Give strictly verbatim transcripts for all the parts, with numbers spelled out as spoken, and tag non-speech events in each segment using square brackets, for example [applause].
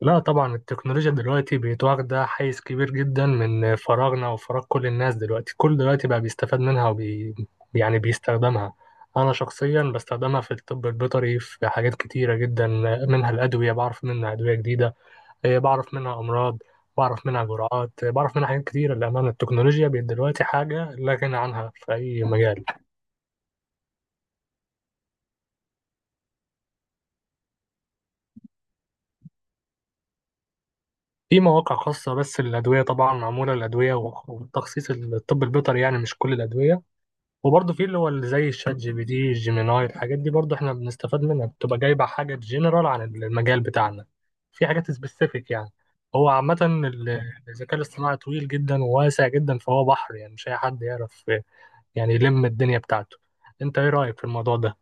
لا، طبعا التكنولوجيا دلوقتي بقت واخدة حيز كبير جدا من فراغنا وفراغ كل الناس دلوقتي، كل دلوقتي بقى بيستفاد منها وبي يعني بيستخدمها. أنا شخصيا بستخدمها في الطب البيطري في حاجات كتيرة جدا، منها الأدوية، بعرف منها أدوية جديدة، آه، بعرف منها أمراض، بعرف منها جرعات، آه، بعرف منها حاجات كتيرة. للأمانة التكنولوجيا بقت دلوقتي حاجة لا غنى عنها في أي مجال. في مواقع خاصة بس للأدوية، طبعا معمولة للأدوية وتخصيص الطب البيطري، يعني مش كل الأدوية. وبرضه في اللي هو اللي زي الشات جي بي دي جيميناي، الحاجات دي برضه احنا بنستفاد منها، بتبقى جايبه حاجه جنرال عن المجال بتاعنا، في حاجات سبيسيفيك يعني. هو عامة ال- الذكاء الاصطناعي طويل جدا وواسع جدا، فهو بحر، يعني مش أي حد يعرف يعني يلم الدنيا بتاعته. أنت إيه رأيك في الموضوع ده؟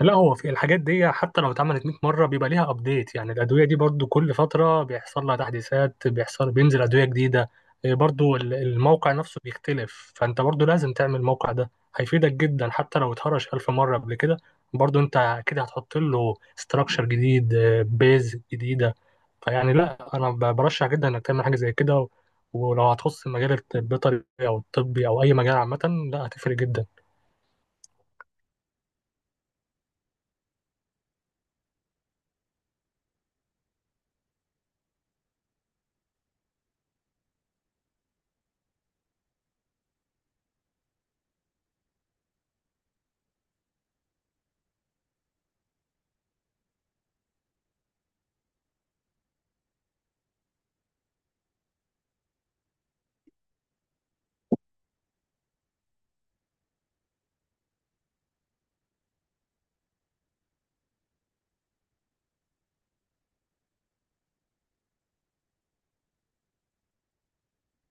لا، هو في الحاجات دي حتى لو اتعملت 100 مرة بيبقى ليها ابديت، يعني الأدوية دي برضو كل فترة بيحصل لها تحديثات، بيحصل بينزل أدوية جديدة. إيه، برضو ال- الموقع نفسه بيختلف، فأنت برضو لازم تعمل الموقع ده، هيفيدك جدا حتى لو اتهرش ألف مرة قبل كده. برضو أنت كده هتحط له ستراكشر جديد، بيز جديدة. فيعني لا، أنا ب- برشح جدا إنك تعمل حاجة زي كده، و- ولو هتخص المجال الطبي أو الطبي أو أي مجال عامة، لا هتفرق جدا.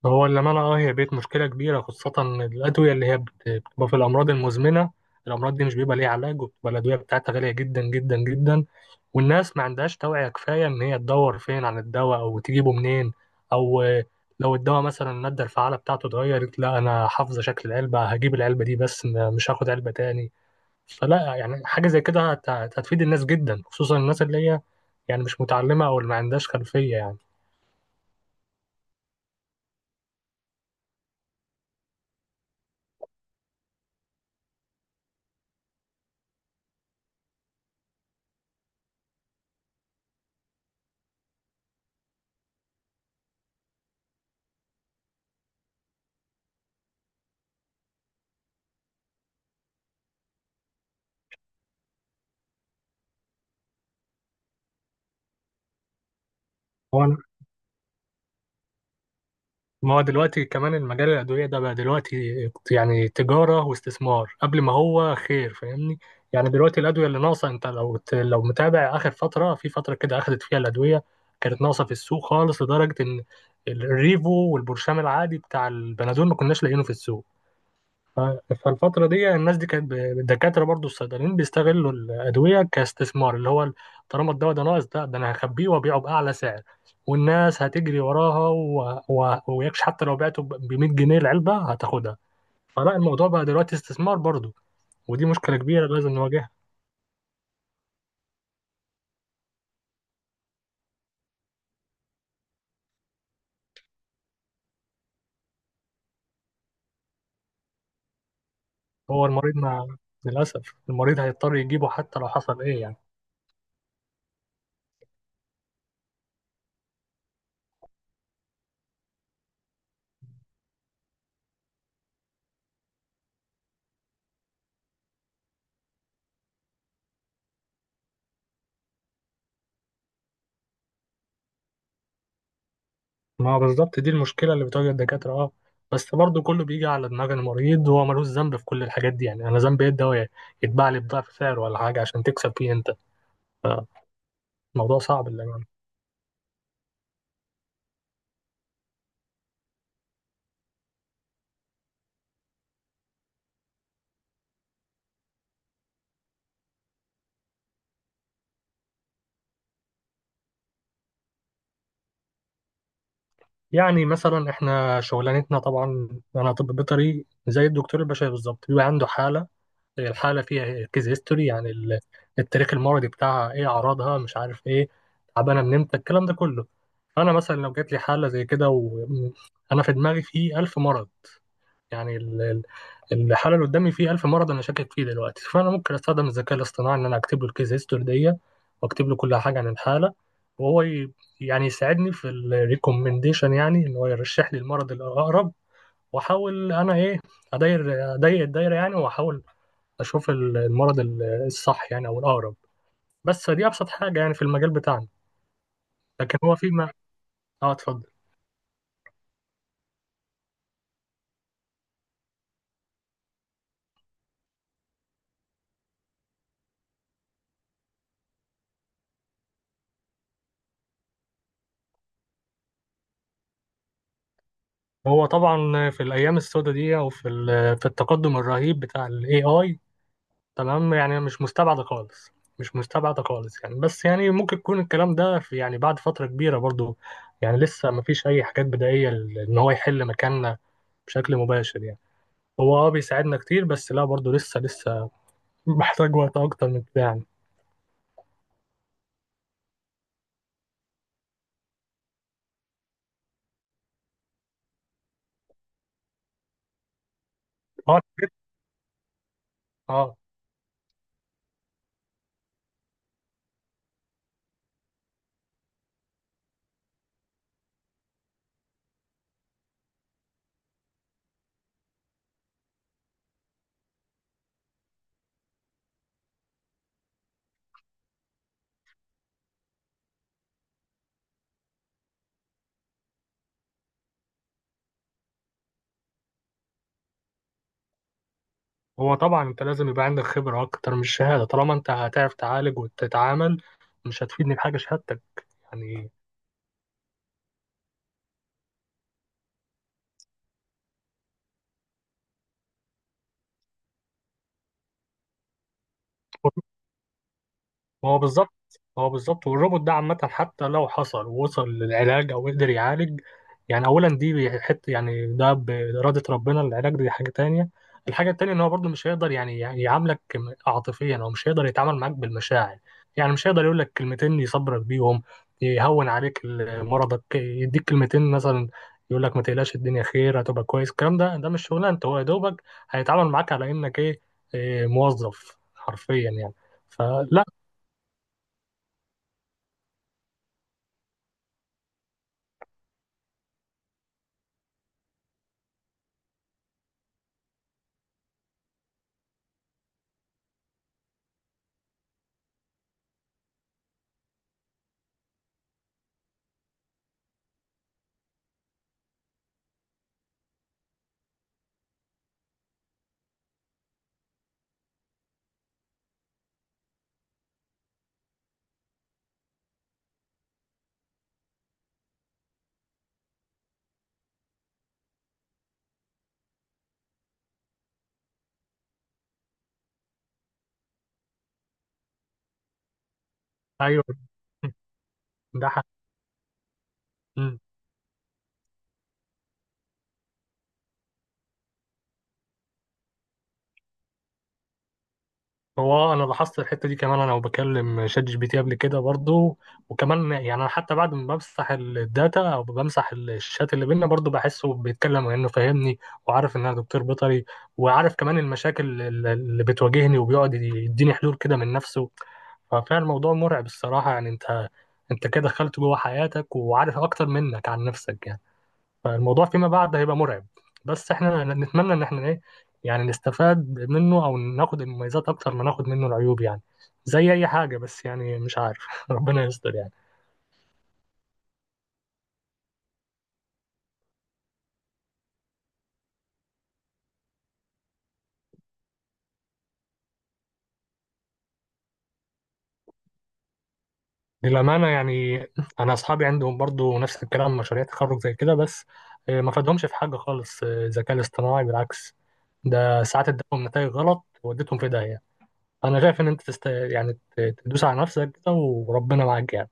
هو للأمانة، اه هي بقت مشكلة كبيرة، خاصة الأدوية اللي هي بت- بتبقى في الأمراض المزمنة. الأمراض دي مش بيبقى ليها علاج، وبتبقى الأدوية بتاعتها غالية جدا جدا جدا، والناس ما عندهاش توعية كفاية إن هي تدور فين عن الدواء أو تجيبه منين، أو آه، لو الدواء مثلا المادة الفعالة بتاعته اتغيرت، لا أنا حافظة شكل العلبة هجيب العلبة دي بس، م- مش هاخد علبة تاني. فلا، يعني حاجة زي كده هت- هتفيد الناس جدا، خصوصا الناس اللي هي يعني مش متعلمة أو اللي ما عندهاش خلفية يعني. ما هو دلوقتي كمان المجال الأدوية ده بقى دلوقتي يعني تجارة واستثمار، قبل ما هو خير، فاهمني؟ يعني دلوقتي الأدوية اللي ناقصة، أنت لو لو متابع آخر فترة، في فترة كده أخدت فيها الأدوية كانت ناقصة في السوق خالص، لدرجة إن الريفو والبرشام العادي بتاع البنادول ما كناش لاقيينه في السوق. ف- فالفترة دي الناس دي كانت ب- الدكاترة برضو الصيدليين بيستغلوا الأدوية كاستثمار، اللي هو ال- طالما الدواء ده ناقص، ده ده أنا هخبيه وأبيعه بأعلى سعر، والناس هتجري وراها و- و- ويكش، حتى لو بعته ب مية جنيه العلبة هتاخدها. فلا، الموضوع بقى دلوقتي استثمار برضو، ودي مشكلة كبيرة لازم نواجهها. هو المريض ما للأسف المريض هيضطر يجيبه حتى لو حصل إيه يعني. ما هو بالظبط دي المشكلة اللي بتواجه الدكاترة. اه بس برضه كله بيجي على دماغ المريض، هو ملوش ذنب في كل الحاجات دي، يعني أنا ذنبي إيه؟ الدواء يتباع لي بضعف سعر ولا حاجة عشان تكسب فيه أنت؟ فالموضوع صعب للأمانة. يعني مثلا إحنا شغلانتنا، طبعا أنا طب بيطري زي الدكتور البشري بالظبط، بيبقى عنده حالة، الحالة فيها كيز هيستوري، يعني ال- التاريخ المرضي بتاعها إيه، أعراضها، مش عارف إيه، تعبانة من إمتى، الكلام ده كله. أنا مثلا لو جات لي حالة زي كده، وأنا في دماغي فيه ألف مرض، يعني ال- ال- الحالة اللي قدامي فيه 1000 مرض أنا شاكك فيه دلوقتي، فأنا ممكن أستخدم الذكاء الاصطناعي إن أنا أكتب له الكيس هيستوري دي، وأكتب له كل حاجة عن الحالة، وهو ي- يعني يساعدني في الريكومنديشن، يعني إن هو يرشح لي المرض الأقرب، وأحاول أنا إيه، أداير أضيق الدايرة يعني، وأحاول أشوف ال- المرض ال- الصح يعني، أو الأقرب. بس دي أبسط حاجة يعني في المجال بتاعنا. لكن هو فيما. أه، اتفضل. هو طبعا في الأيام السوداء دي، أو في ال- في التقدم الرهيب بتاع ال A I، تمام يعني مش مستبعدة خالص، مش مستبعدة خالص يعني. بس يعني ممكن يكون الكلام ده في يعني بعد فترة كبيرة برضو. يعني لسه مفيش أي حاجات بدائية ل- إن هو يحل مكاننا بشكل مباشر يعني. هو اه بيساعدنا كتير، بس لا، برضو لسه لسه [laughs] محتاج وقت أكتر من كده يعني. اه الحاجات- اه هو طبعا أنت لازم يبقى عندك خبرة أكتر من الشهادة، طالما أنت هتعرف تعالج وتتعامل، مش هتفيدني بحاجة شهادتك يعني. هو بالظبط، هو بالظبط، والروبوت ده عامة حتى لو حصل ووصل للعلاج أو قدر يعالج، يعني أولا دي حتة، يعني ده بإرادة ربنا العلاج، دي حاجة تانية. الحاجة التانية إن هو برضه مش هيقدر يعني يعني يعاملك عاطفيا، أو مش هيقدر يتعامل معاك بالمشاعر، يعني مش هيقدر يقول لك كلمتين يصبرك بيهم، يهون عليك مرضك، يديك كلمتين مثلا يقول لك ما تقلقش الدنيا خير هتبقى كويس. الكلام ده ده مش شغلانته، هو يا دوبك هيتعامل معاك على إنك إيه، إيه، موظف حرفيا يعني. فلا، ايوه. [laughs] ده حق. مم. هو آه، انا لاحظت الحته دي كمان، انا وبكلم شات جي بي تي قبل كده برضو، وكمان يعني انا حتى بعد ما بمسح الداتا او بمسح الشات اللي بينا، برضو بحسه بيتكلم انه فاهمني، وعارف ان انا دكتور بيطري، وعارف كمان المشاكل اللي اللي بتواجهني، وبيقعد يديني حلول كده من نفسه. ففعلا الموضوع مرعب الصراحه يعني، انت انت كده دخلت جوه حياتك وعارف اكتر منك عن نفسك يعني. فالموضوع فيما بعد هيبقى مرعب، بس احنا نتمنى ان احنا ايه، يعني نستفاد منه او ناخد المميزات اكتر ما ناخد منه العيوب يعني، زي اي حاجه بس، يعني مش عارف. [laughs] ربنا يستر يعني. للامانه يعني، انا اصحابي عندهم برضو نفس الكلام، مشاريع تخرج زي كده، بس آه، ما فادهمش في حاجه خالص. آه، الذكاء الاصطناعي بالعكس ده ساعات اداهم نتائج غلط وودتهم في داهيه. انا شايف ان انت تست... يعني ت- تدوس على نفسك كده، وربنا معاك يعني